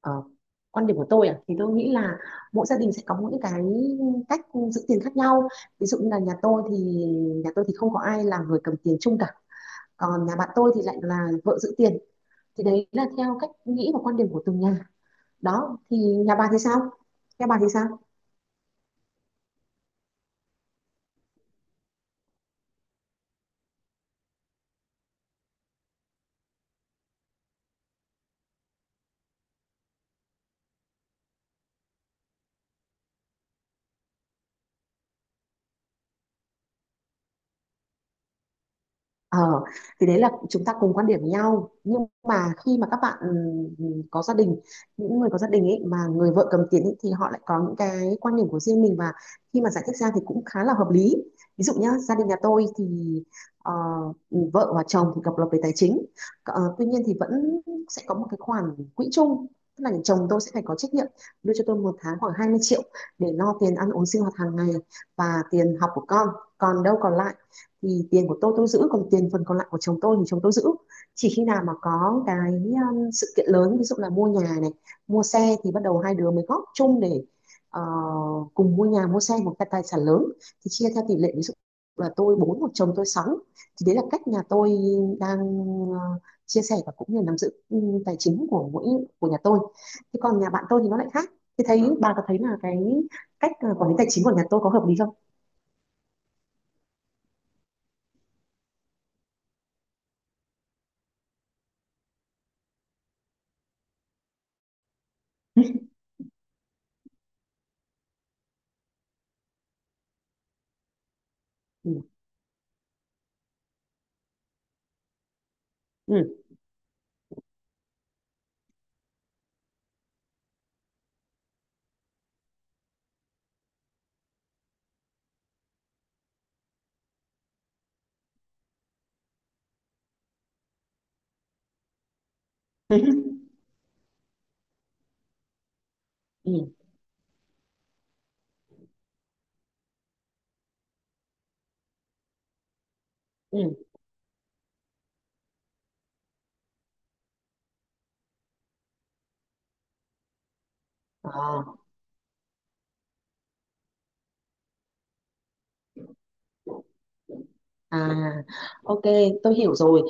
Ờ, quan điểm của tôi à thì tôi nghĩ là mỗi gia đình sẽ có những cái cách giữ tiền khác nhau. Ví dụ như là nhà tôi thì không có ai là người cầm tiền chung cả, còn nhà bạn tôi thì lại là vợ giữ tiền. Thì đấy là theo cách nghĩ và quan điểm của từng nhà đó. Thì nhà bà thì sao nhà bà thì sao? Ờ, thì đấy là chúng ta cùng quan điểm với nhau, nhưng mà khi mà các bạn có gia đình, những người có gia đình ấy mà người vợ cầm tiền ấy, thì họ lại có những cái quan điểm của riêng mình, và khi mà giải thích ra thì cũng khá là hợp lý. Ví dụ nhá, gia đình nhà tôi thì ờ, vợ và chồng thì độc lập về tài chính. Ờ, tuy nhiên thì vẫn sẽ có một cái khoản quỹ chung, tức là chồng tôi sẽ phải có trách nhiệm đưa cho tôi một tháng khoảng 20 triệu để lo tiền ăn uống sinh hoạt hàng ngày và tiền học của con. Còn đâu còn lại thì tiền của tôi giữ, còn tiền phần còn lại của chồng tôi thì chồng tôi giữ. Chỉ khi nào mà có cái sự kiện lớn, ví dụ là mua nhà này, mua xe, thì bắt đầu hai đứa mới góp chung để ờ, cùng mua nhà mua xe, một cái tài sản lớn thì chia theo tỷ lệ, ví dụ là tôi bốn một chồng tôi sáu. Thì đấy là cách nhà tôi đang ờ, chia sẻ và cũng như nắm giữ tài chính của mỗi của nhà tôi. Thế còn nhà bạn tôi thì nó lại khác. Thì thấy bà có thấy là cái cách quản lý tài chính của nhà tôi có hợp lý không? Ừ. Ừ. Ừ. Ừ. À. À, ok, tôi hiểu rồi.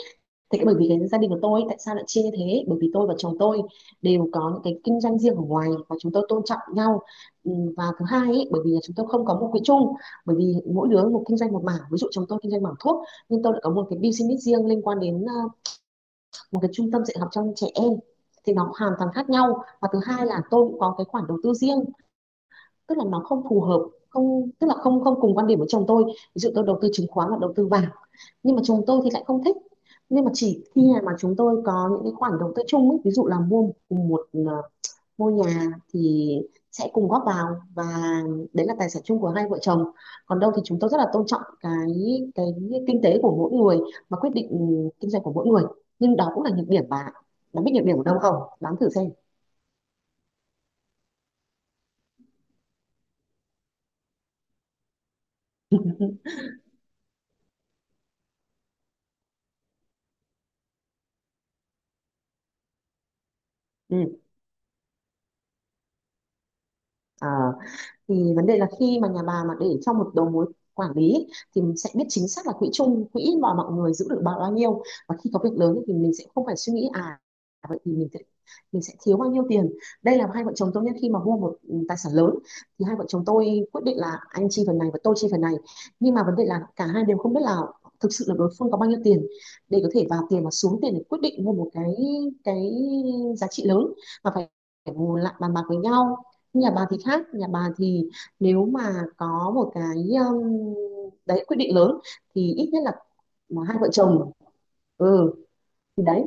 Thế cái bởi vì cái gia đình của tôi tại sao lại chia như thế? Bởi vì tôi và chồng tôi đều có những cái kinh doanh riêng ở ngoài và chúng tôi tôn trọng nhau. Ừ. Và thứ hai ấy, bởi vì là chúng tôi không có một quỹ chung, bởi vì mỗi đứa một kinh doanh một mảng. Ví dụ chồng tôi kinh doanh mảng thuốc, nhưng tôi lại có một cái business riêng liên quan đến một cái trung tâm dạy học cho trẻ em. Thì nó hoàn toàn khác nhau. Và thứ hai là tôi cũng có cái khoản đầu tư riêng, tức là nó không phù hợp, không tức là không không cùng quan điểm với chồng tôi. Ví dụ tôi đầu tư chứng khoán và đầu tư vàng nhưng mà chồng tôi thì lại không thích. Nhưng mà chỉ khi mà chúng tôi có những cái khoản đầu tư chung ấy, ví dụ là mua cùng một ngôi nhà thì sẽ cùng góp vào, và đấy là tài sản chung của hai vợ chồng. Còn đâu thì chúng tôi rất là tôn trọng cái cái kinh tế của mỗi người, mà quyết định kinh doanh của mỗi người. Nhưng đó cũng là nhược điểm. Bạn bạn biết nhược điểm của đâu không? Đoán thử xem. Ừ. Ờ, thì vấn đề là khi mà nhà bà mà để trong một đầu mối quản lý ấy, thì mình sẽ biết chính xác là quỹ chung, quỹ mà mọi người giữ được bao bao nhiêu, và khi có việc lớn ấy, thì mình sẽ không phải suy nghĩ à vậy thì mình sẽ thiếu bao nhiêu tiền. Đây là hai vợ chồng tôi nhé, khi mà mua một tài sản lớn, thì hai vợ chồng tôi quyết định là anh chi phần này và tôi chi phần này. Nhưng mà vấn đề là cả hai đều không biết là thực sự là đối phương có bao nhiêu tiền để có thể vào tiền và xuống tiền để quyết định mua một cái giá trị lớn mà phải phải ngồi lại bàn bạc với nhau. Nhà bà thì khác, nhà bà thì nếu mà có một cái um, đấy quyết định lớn thì ít nhất là mà hai vợ chồng Ừ, thì đấy.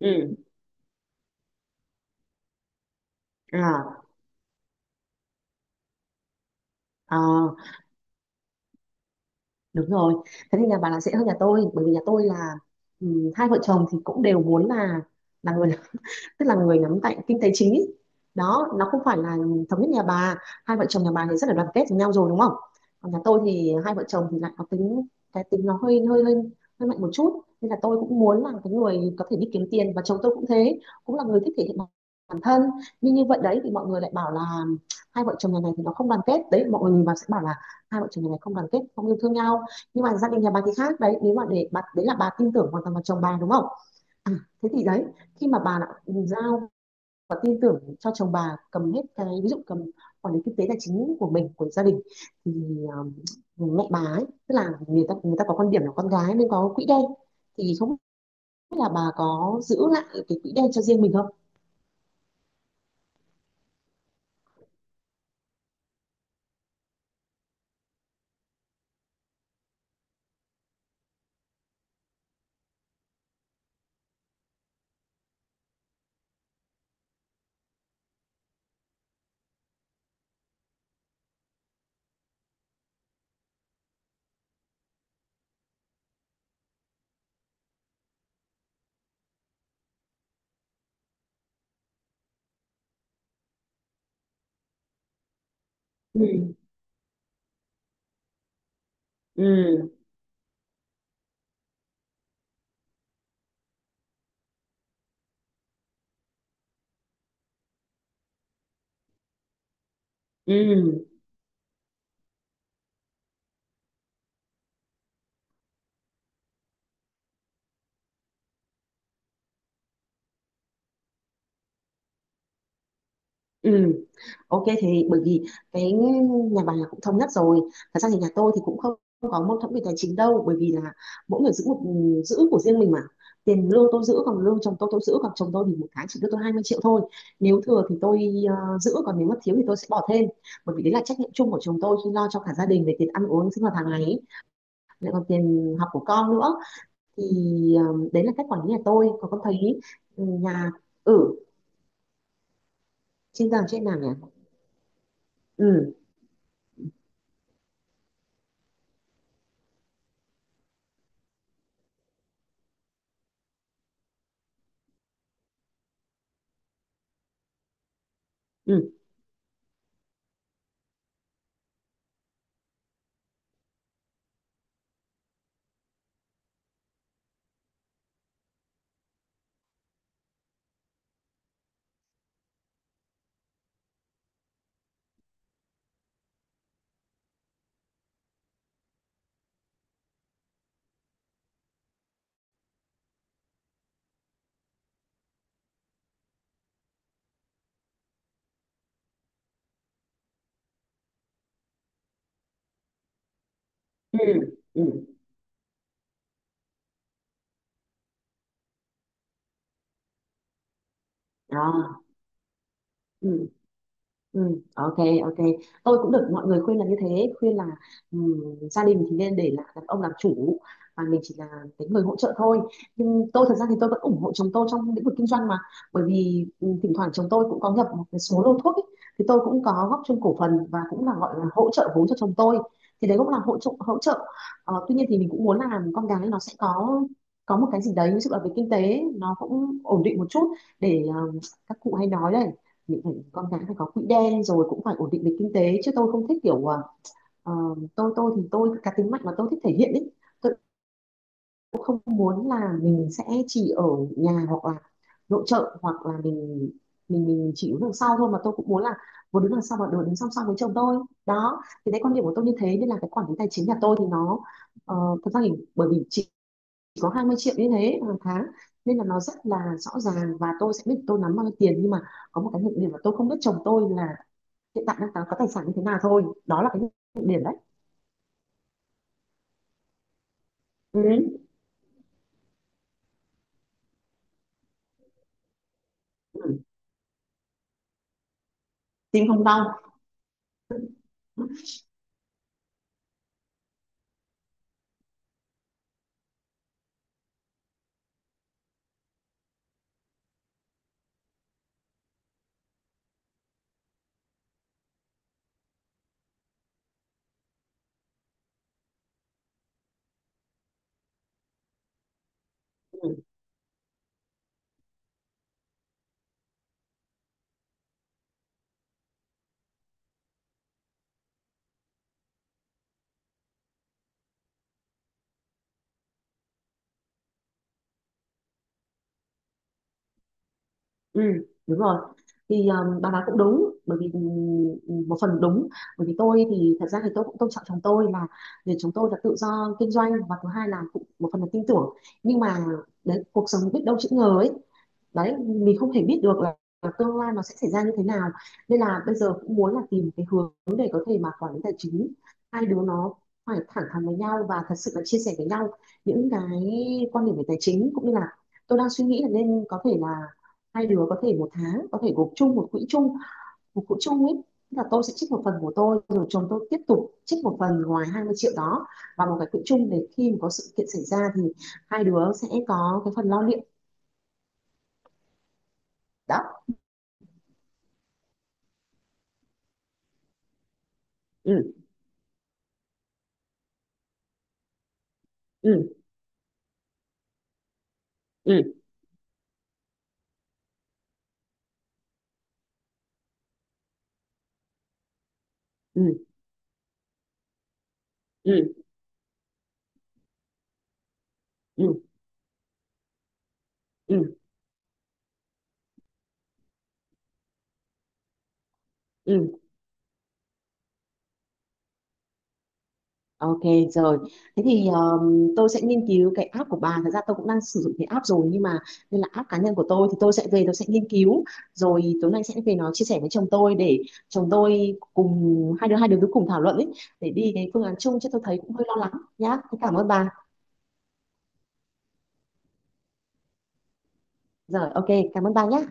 Ừ. À. À đúng rồi. Thế thì nhà bà là sẽ hơn nhà tôi, bởi vì nhà tôi là hai vợ chồng thì cũng đều muốn là người tức là người nắm tay kinh tế chính ý. Đó nó không phải là thống nhất. Nhà bà, hai vợ chồng nhà bà thì rất là đoàn kết với nhau rồi đúng không? Còn nhà tôi thì hai vợ chồng thì lại có tính, cái tính nó hơi hơi hơi hơi mạnh một chút, nên là tôi cũng muốn là cái người có thể đi kiếm tiền, và chồng tôi cũng thế, cũng là người thích thể hiện bản bản thân. Nhưng như vậy đấy thì mọi người lại bảo là hai vợ chồng nhà này thì nó không đoàn kết. Đấy, mọi người nhìn vào sẽ bảo là hai vợ chồng nhà này không đoàn kết, không yêu thương nhau. Nhưng mà gia đình nhà bà thì khác đấy, nếu mà để bà đấy là bà tin tưởng hoàn toàn vào chồng bà đúng không? Thế thì đấy, khi mà bà đã giao và tin tưởng cho chồng bà cầm hết cái, ví dụ cầm quản lý kinh tế tài chính của mình, của gia đình, thì mẹ bà ấy, tức là người ta có quan điểm là con gái nên có quỹ đen, thì không biết là bà có giữ lại cái quỹ đen cho riêng mình không? Ừ. Ừ. Ừ. Ừ. Ok, thì bởi vì cái nhà bà là cũng thống nhất rồi. Thật ra thì nhà tôi thì cũng không có mâu thuẫn về tài chính đâu, bởi vì là mỗi người giữ giữ của riêng mình mà. Tiền lương tôi giữ, còn lương chồng tôi giữ, còn chồng tôi thì một tháng chỉ đưa tôi 20 triệu thôi. Nếu thừa thì tôi giữ, còn nếu mà thiếu thì tôi sẽ bỏ thêm. Bởi vì đấy là trách nhiệm chung của chồng tôi khi lo cho cả gia đình về tiền ăn uống sinh hoạt hàng ngày, lại còn tiền học của con nữa. Thì ờ, đấy là cách quản lý nhà tôi. Còn con thấy nhà ở trên giường trên nào nhỉ? Ừ. Ừ. Ừ. Ừ. Đó. Ừ. Ừ, ok. Ok, tôi cũng được mọi người khuyên là như thế, khuyên là ừm, gia đình thì nên để là đàn ông làm chủ, và mình chỉ là cái người hỗ trợ thôi. Nhưng tôi thật ra thì tôi vẫn ủng hộ chồng tôi trong lĩnh vực kinh doanh mà, bởi vì thỉnh thoảng chồng tôi cũng có nhập một cái số lô thuốc ấy, thì tôi cũng có góp chung cổ phần và cũng là gọi là hỗ trợ vốn cho chồng tôi. Thì đấy cũng là hỗ trợ. Ờ, tuy nhiên thì mình cũng muốn là con gái nó sẽ có một cái gì đấy, ví dụ là về kinh tế nó cũng ổn định một chút, để các cụ hay nói đấy, mình phải con cái phải có quỹ đen, rồi cũng phải ổn định về kinh tế, chứ tôi không thích kiểu ờ, tôi thì tôi cá tính mạnh mà tôi thích thể hiện ấy. Tôi cũng không muốn là mình sẽ chỉ ở nhà hoặc là nội trợ, hoặc là mình chỉ đứng đằng sau thôi, mà tôi cũng muốn là vừa đứng đằng sau và vừa đứng song song với chồng tôi. Đó thì đấy quan điểm của tôi như thế, nên là cái quản lý tài chính nhà tôi thì nó ờ, thật ra thì bởi vì chỉ có 20 triệu như thế hàng tháng, nên là nó rất là rõ ràng và tôi sẽ biết tôi nắm bao nhiêu tiền. Nhưng mà có một cái nhược điểm là tôi không biết chồng tôi là hiện tại đang có tài sản như thế nào thôi, đó là cái điểm đấy. Ừ. Ừ. Tim không đau. Ừ. Ừ. Đúng rồi, thì bà nói cũng đúng, bởi vì một phần đúng, bởi vì tôi thì thật ra thì tôi cũng tôn trọng chồng tôi, là vì chúng tôi là tự do kinh doanh và thứ hai là cũng một phần là tin tưởng. Nhưng mà đấy, cuộc sống biết đâu chữ ngờ ấy, đấy mình không thể biết được là tương lai nó sẽ xảy ra như thế nào, nên là bây giờ cũng muốn là tìm cái hướng để có thể mà quản lý tài chính. Hai đứa nó phải thẳng thắn với nhau và thật sự là chia sẻ với nhau những cái quan điểm về tài chính, cũng như là tôi đang suy nghĩ là nên có thể là hai đứa có thể một tháng có thể gộp chung một quỹ chung ấy. Tức là tôi sẽ trích một phần của tôi, rồi chồng tôi tiếp tục trích một phần ngoài 20 triệu đó vào một cái quỹ chung, để khi mà có sự kiện xảy ra thì hai đứa sẽ có cái phần lo liệu. Đó. Ừ. Ừ. Ừ. Ừ. Ừ. Ừ. Ừ. Ừ. Ok, rồi. Thế thì tôi sẽ nghiên cứu cái app của bà. Thật ra tôi cũng đang sử dụng cái app rồi nhưng mà nên là app cá nhân của tôi, thì tôi sẽ về tôi sẽ nghiên cứu, rồi tối nay sẽ về nó chia sẻ với chồng tôi để chồng tôi cùng hai đứa cứ cùng thảo luận ấy, để đi cái phương án chung chứ tôi thấy cũng hơi lo lắng nhá. Thế cảm ơn bà. Rồi, ok, cảm ơn bà nhé.